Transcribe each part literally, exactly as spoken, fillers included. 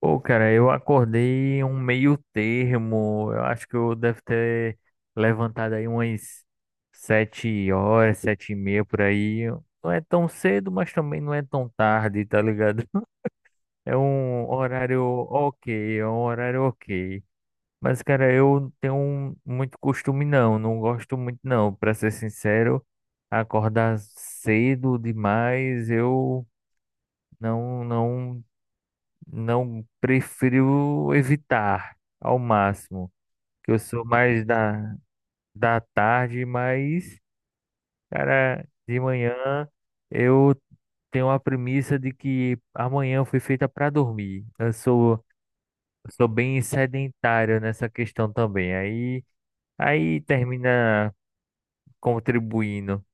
Pô, cara, eu acordei um meio termo. Eu acho que eu devo ter levantado aí umas sete horas, sete e meia por aí. Não é tão cedo, mas também não é tão tarde, tá ligado? É um horário ok, é um horário ok. Mas, cara, eu não tenho um- muito costume não, não gosto muito não. Pra ser sincero, acordar cedo demais, eu não, não. Não prefiro evitar ao máximo, que eu sou mais da, da tarde, mas, cara, de manhã eu tenho a premissa de que amanhã foi feita para dormir. Eu sou, eu sou bem sedentário nessa questão também. Aí, aí termina contribuindo.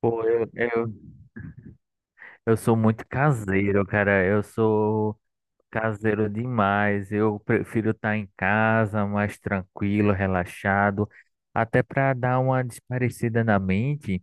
Pô, eu, eu, eu sou muito caseiro, cara. Eu sou. Caseiro demais. Eu prefiro estar em casa, mais tranquilo, relaxado, até para dar uma desaparecida na mente.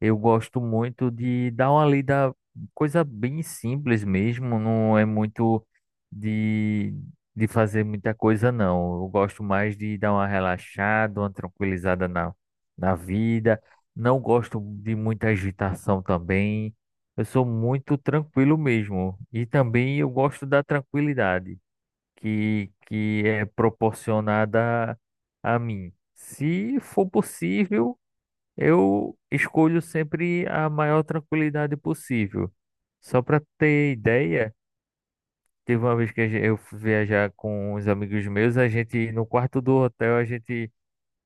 Eu gosto muito de dar uma lida, coisa bem simples mesmo, não é muito de, de fazer muita coisa, não. Eu gosto mais de dar uma relaxada, uma tranquilizada na, na vida. Não gosto de muita agitação também. Eu sou muito tranquilo mesmo. E também eu gosto da tranquilidade que, que é proporcionada a mim, se for possível. Eu escolho sempre a maior tranquilidade possível. Só para ter ideia, teve uma vez que a gen- eu fui viajar com os amigos meus, a gente no quarto do hotel, a gente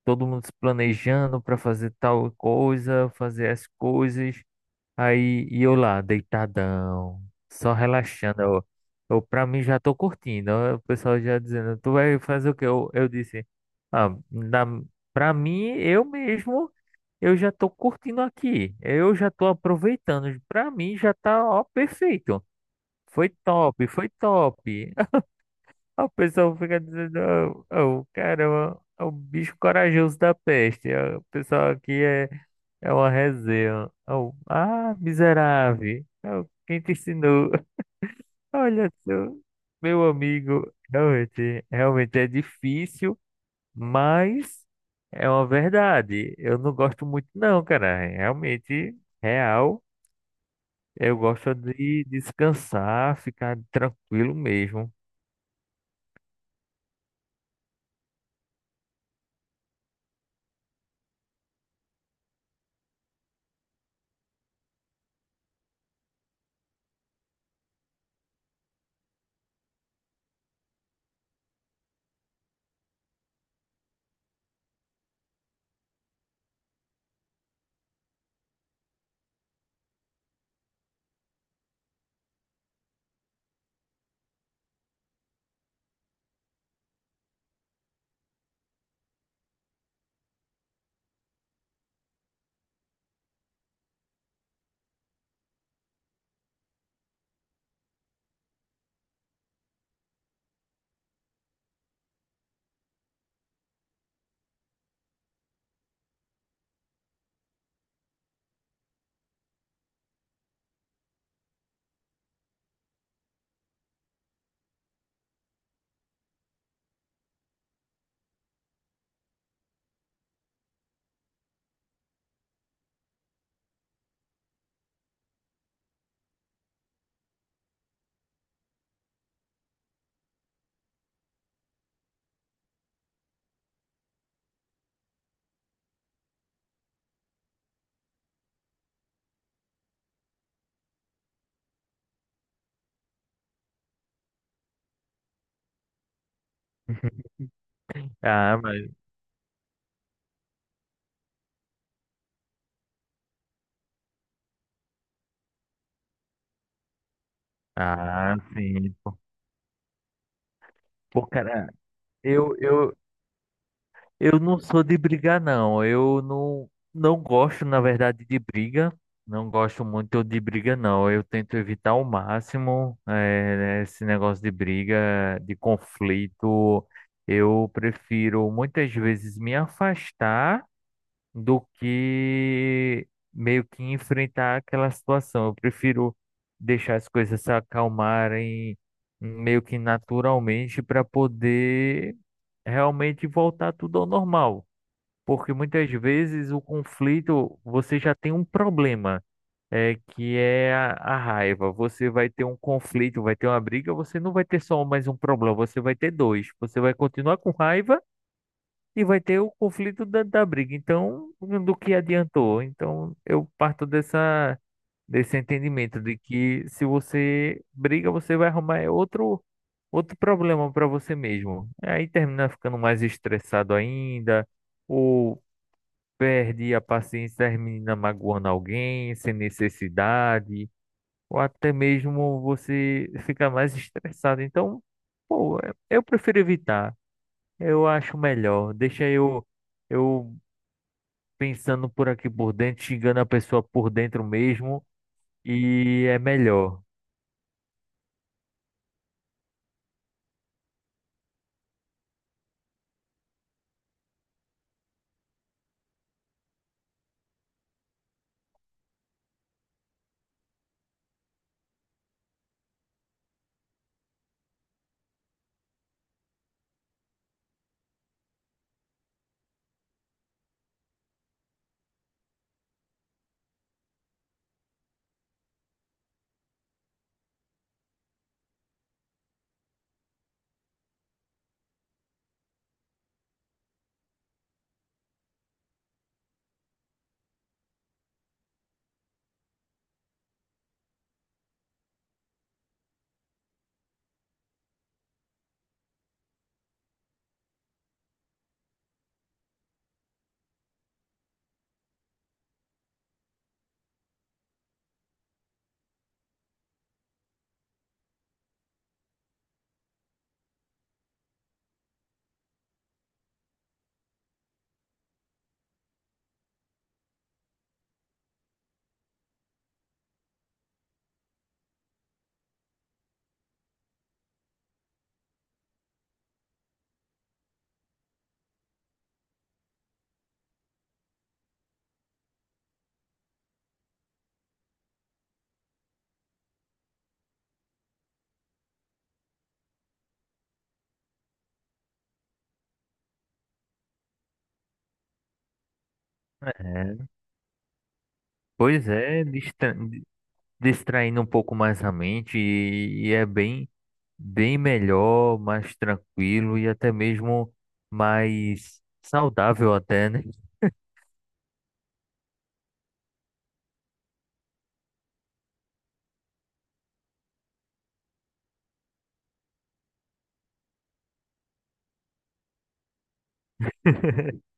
todo mundo se planejando para fazer tal coisa, fazer as coisas. Aí e eu lá, deitadão, só relaxando. Eu, eu para mim já tô curtindo. Ó, o pessoal já dizendo, tu vai fazer o quê? Eu, eu disse, ah, na, pra mim, eu mesmo. Eu já tô curtindo aqui. Eu já tô aproveitando. Pra mim já tá, ó, perfeito. Foi top, foi top. O pessoal fica dizendo, "Ô, ô, caramba, é o bicho corajoso da peste. Ó, o pessoal aqui é, é uma resenha. Ô, ah, miserável. Ô, quem te ensinou?" Olha só, meu amigo. Realmente, realmente é difícil. Mas é uma verdade. Eu não gosto muito, não, cara. Realmente, real. Eu gosto de descansar, ficar tranquilo mesmo. Ah, mas. Ah, sim. Pô, cara, eu, eu, eu não sou de brigar, não. Eu não, não gosto, na verdade, de briga. Não gosto muito de briga, não. Eu tento evitar ao máximo, eh, esse negócio de briga, de conflito. Eu prefiro muitas vezes me afastar do que meio que enfrentar aquela situação. Eu prefiro deixar as coisas se acalmarem meio que naturalmente para poder realmente voltar tudo ao normal. Porque muitas vezes o conflito, você já tem um problema, é, que é a, a raiva. Você vai ter um conflito, vai ter uma briga, você não vai ter só um, mais um problema, você vai ter dois. Você vai continuar com raiva e vai ter o conflito da, da briga. Então, do que adiantou? Então, eu parto dessa, desse entendimento de que se você briga, você vai arrumar outro, outro problema para você mesmo. Aí termina ficando mais estressado ainda. Ou perde a paciência das meninas magoando alguém sem necessidade, ou até mesmo você fica mais estressado. Então, pô, é- eu prefiro evitar. Eu acho melhor. Deixa eu, eu pensando por aqui por dentro, xingando a pessoa por dentro mesmo, e é melhor. É, pois é, distra- distraindo um pouco mais a mente, e e é bem, bem melhor, mais tranquilo e até mesmo mais saudável até, né?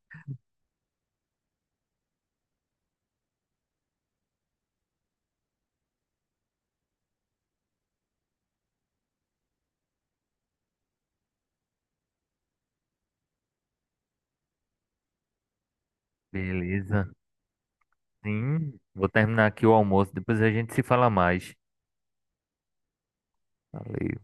Beleza. Sim, vou terminar aqui o almoço, depois a gente se fala mais. Valeu.